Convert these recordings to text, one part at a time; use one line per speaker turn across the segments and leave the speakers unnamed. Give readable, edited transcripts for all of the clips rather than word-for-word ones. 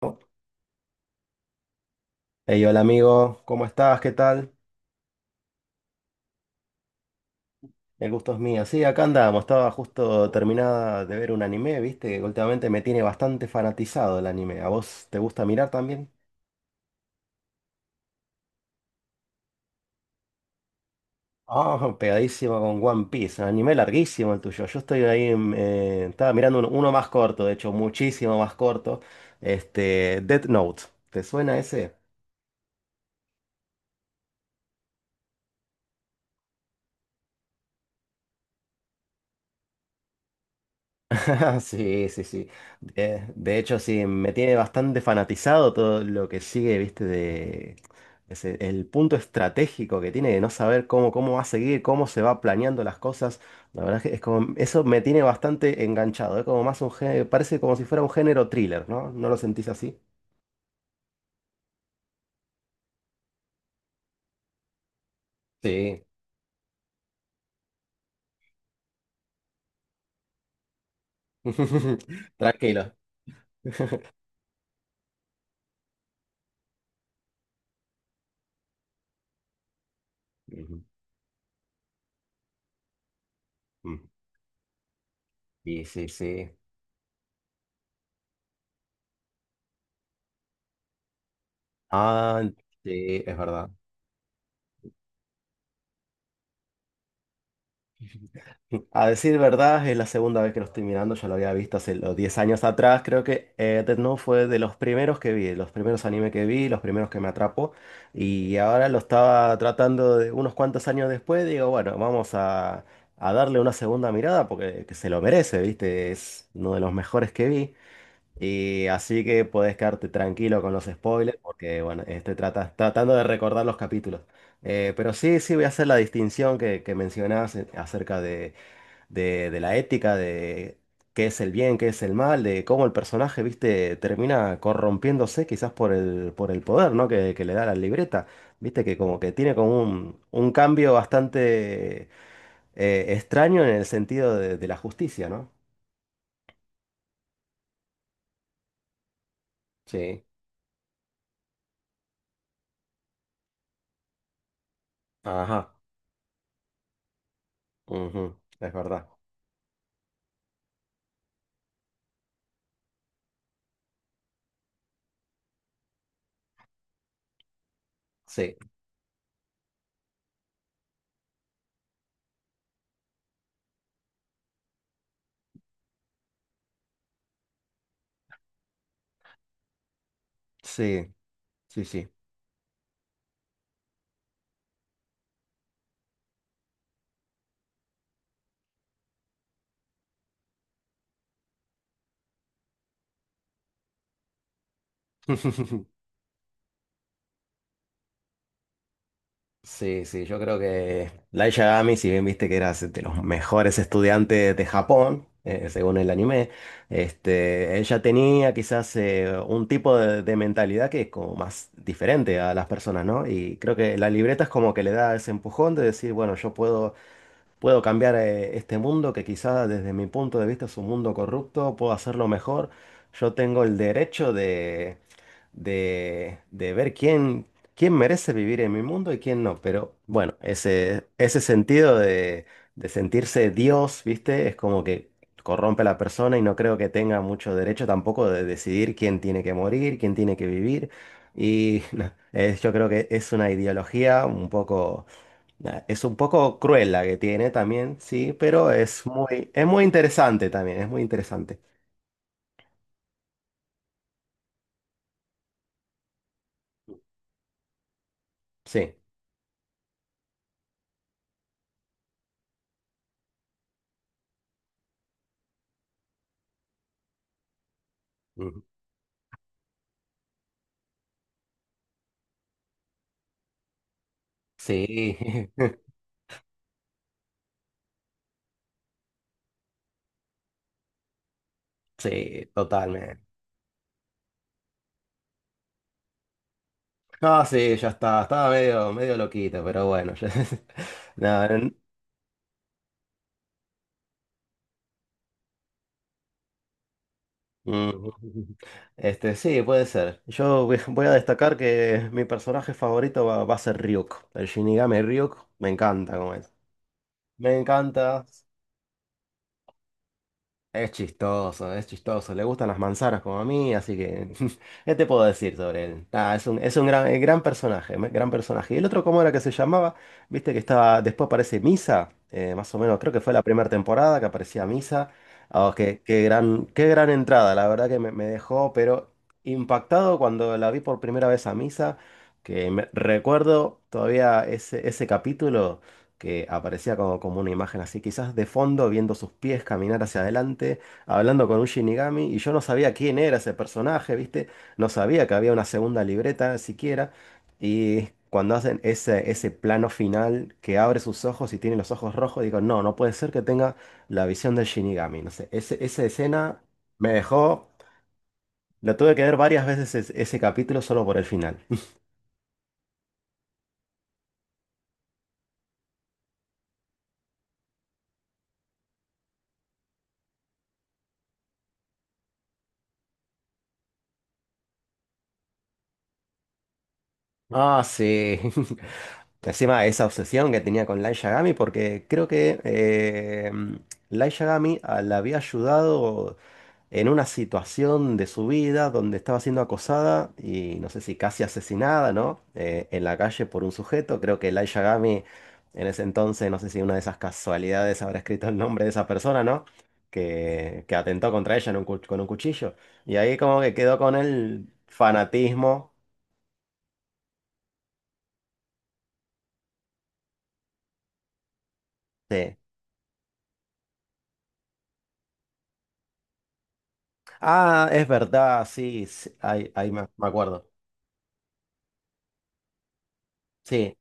¿No? Hey, hola amigo, ¿cómo estás? ¿Qué tal? El gusto es mío. Sí, acá andamos. Estaba justo terminada de ver un anime, viste, que últimamente me tiene bastante fanatizado el anime. ¿A vos te gusta mirar también? Ah, pegadísimo con One Piece. Un anime larguísimo el tuyo. Yo estoy ahí, estaba mirando uno más corto, de hecho, muchísimo más corto. Este, Death Note. ¿Te suena ese? Sí, sí, sí. De hecho, sí, me tiene bastante fanatizado todo lo que sigue, viste, de el punto estratégico que tiene de no saber cómo, cómo va a seguir, cómo se va planeando las cosas. La verdad es que es como, eso me tiene bastante enganchado. Es como más un género, parece como si fuera un género thriller, ¿no? ¿No lo sentís así? Sí. Tranquilo. Ujú. Mm. Sí, sí, sí. Ah, sí, es verdad. A decir verdad, es la segunda vez que lo estoy mirando, ya lo había visto hace los 10 años atrás, creo que Death Note fue de los primeros que vi, los primeros anime que vi, los primeros que me atrapó, y ahora lo estaba tratando de unos cuantos años después, digo, bueno, vamos a darle una segunda mirada porque que se lo merece, ¿viste? Es uno de los mejores que vi, y así que podés quedarte tranquilo con los spoilers porque, bueno, estoy tratando de recordar los capítulos. Pero sí, sí voy a hacer la distinción que mencionabas acerca de de la ética, de qué es el bien, qué es el mal, de cómo el personaje, viste, termina corrompiéndose quizás por por el poder, ¿no? Que le da la libreta. Viste que como que tiene como un cambio bastante extraño en el sentido de la justicia, ¿no? Sí. Ajá. Ujú. Es verdad. Sí. Sí, sí, sí. Sí, sí, yo creo que Light Yagami, si bien viste que era de los mejores estudiantes de Japón, según el anime, este, ella tenía quizás un tipo de mentalidad que es como más diferente a las personas, ¿no? Y creo que la libreta es como que le da ese empujón de decir, bueno, yo puedo puedo cambiar este mundo que quizá desde mi punto de vista es un mundo corrupto, puedo hacerlo mejor. Yo tengo el derecho de, de ver quién, quién merece vivir en mi mundo y quién no. Pero bueno, ese sentido de sentirse Dios, ¿viste? Es como que corrompe a la persona y no creo que tenga mucho derecho tampoco de decidir quién tiene que morir, quién tiene que vivir. Y no, yo creo que es una ideología un poco nah, es un poco cruel la que tiene también, sí, pero es muy interesante también, es muy interesante. Sí. Ujú. Sí, sí, totalmente. No, sí, ya está, estaba medio, medio loquito, pero bueno. ya- no, n- mm, Este, sí, puede ser. Yo voy a destacar que mi personaje favorito va, va a ser Ryuk. El Shinigami Ryuk, me encanta como es. Me encanta. Es chistoso, es chistoso. Le gustan las manzanas como a mí, así que ¿qué te puedo decir sobre él? Nada, es un gran, gran personaje, gran personaje. Y el otro, ¿cómo era que se llamaba? Viste que estaba, después aparece Misa, más o menos, creo que fue la primera temporada que aparecía Misa. Oh, qué, qué gran entrada, la verdad que me dejó, pero impactado cuando la vi por primera vez a Misa, recuerdo todavía ese, ese capítulo que aparecía como, como una imagen así, quizás de fondo, viendo sus pies caminar hacia adelante, hablando con un Shinigami, y yo no sabía quién era ese personaje, ¿viste? No sabía que había una segunda libreta siquiera, y cuando hacen ese, ese plano final que abre sus ojos y tiene los ojos rojos, digo, no, no puede ser que tenga la visión del Shinigami, no sé, esa escena me dejó, la tuve que ver varias veces ese capítulo solo por el final. Ah, sí. Encima esa obsesión que tenía con Light Yagami, porque creo que Light Yagami ah, la había ayudado en una situación de su vida donde estaba siendo acosada y no sé si casi asesinada, ¿no? En la calle por un sujeto. Creo que Light Yagami en ese entonces, no sé si una de esas casualidades habrá escrito el nombre de esa persona, ¿no? Que atentó contra ella en un con un cuchillo. Y ahí como que quedó con el fanatismo. Sí, ah, es verdad, sí, sí, ahí, ahí me, me acuerdo. Sí,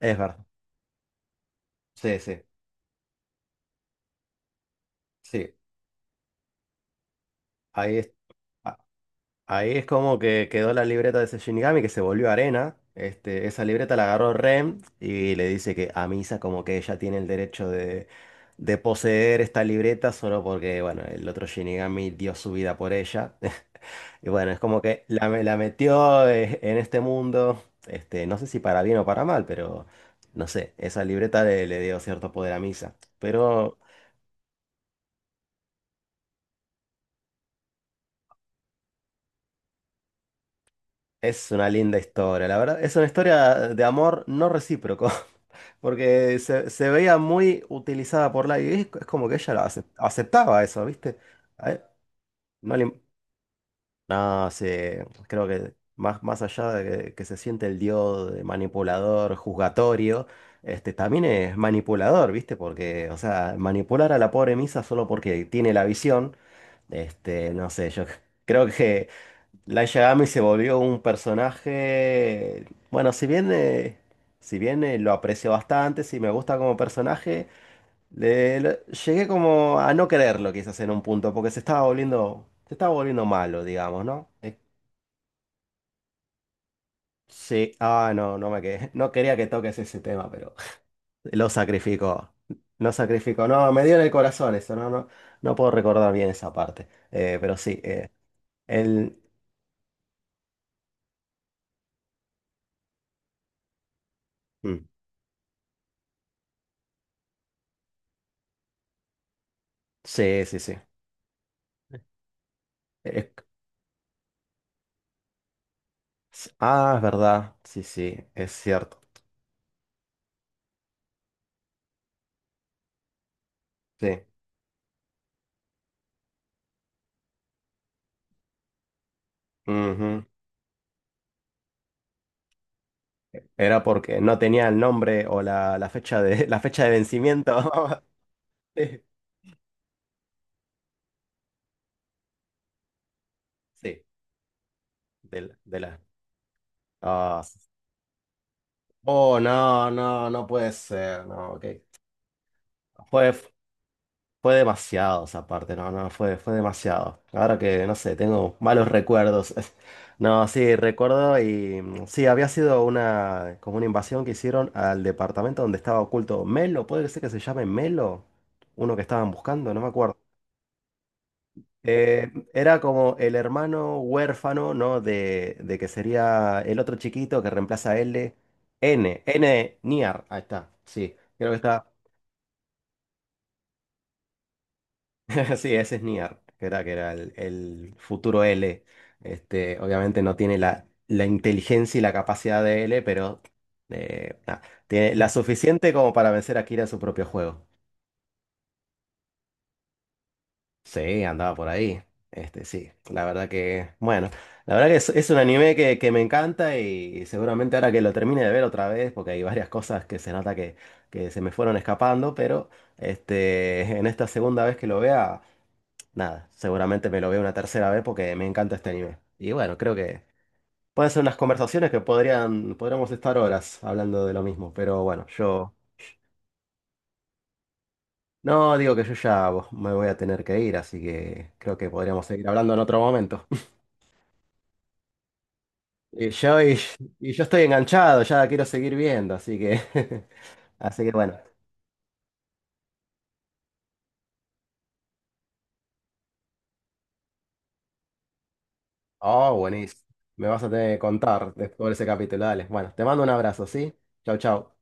es verdad. Sí, sí, sí. Ahí es, a- ahí es como que quedó la libreta de ese Shinigami que se volvió arena. Este, esa libreta la agarró Ren y le dice que a Misa como que ella tiene el derecho de poseer esta libreta solo porque, bueno, el otro Shinigami dio su vida por ella. Y bueno, es como que la metió en este mundo, este, no sé si para bien o para mal, pero no sé, esa libreta le, le dio cierto poder a Misa. Pero es una linda historia, la verdad, es una historia de amor no recíproco, porque se veía muy utilizada por la y es como que ella lo aceptaba eso, ¿viste? A e- no le, no, se, creo que más, más allá de que se siente el dios de manipulador, juzgatorio, este, también es manipulador, ¿viste? Porque, o sea, manipular a la pobre Misa solo porque tiene la visión, este, no sé, yo creo que Light Yagami se volvió un personaje, bueno, si bien, si bien lo aprecio bastante, si me gusta como personaje, le- le- llegué como a no quererlo quizás en un punto, porque se estaba volviendo malo, digamos, ¿no? Sí, ah, no, no me quedé. No quería que toques ese tema, pero lo sacrificó. Lo sacrificó. No, me dio en el corazón eso. No, no, no puedo recordar bien esa parte. Pero sí, él. mm, Sí, sí, sí. Es- ah, es verdad. Sí, sí, es cierto. Sí. Ujú. Era porque no tenía el nombre o la fecha de, la fecha de vencimiento. Sí, sí, de, la. de la- ah. Oh, no, no, no puede ser. No, ok. Fue, fue demasiado esa parte, no, no, fue, fue demasiado. Ahora que, no sé, tengo malos recuerdos. No, sí, recuerdo y sí, había sido una, como una invasión que hicieron al departamento donde estaba oculto Melo, puede ser que se llame Melo, uno que estaban buscando, no me acuerdo. Era como el hermano huérfano, ¿no? De que sería el otro chiquito que reemplaza a L. Niar, ahí está, sí, creo que está. Sí, ese es Nier, que era el futuro L. Este, obviamente no tiene la, la inteligencia y la capacidad de L, pero nada, tiene la suficiente como para vencer a Kira en su propio juego. Sí, andaba por ahí. Este, sí, la verdad que, bueno, la verdad que es un anime que me encanta y seguramente ahora que lo termine de ver otra vez, porque hay varias cosas que se nota que se me fueron escapando, pero este, en esta segunda vez que lo vea... Nada, seguramente me lo veo una tercera vez porque me encanta este anime. Y bueno, creo que pueden ser unas conversaciones que podrían, podríamos estar horas hablando de lo mismo, pero bueno, yo no digo que yo ya me voy a tener que ir, así que creo que podríamos seguir hablando en otro momento. Y yo, y, y yo estoy enganchado, ya quiero seguir viendo, así que así que bueno. Oh, buenísimo. Me vas a tener que contar después de ese capítulo, dale. Bueno, te mando un abrazo, ¿sí? Chau, chau.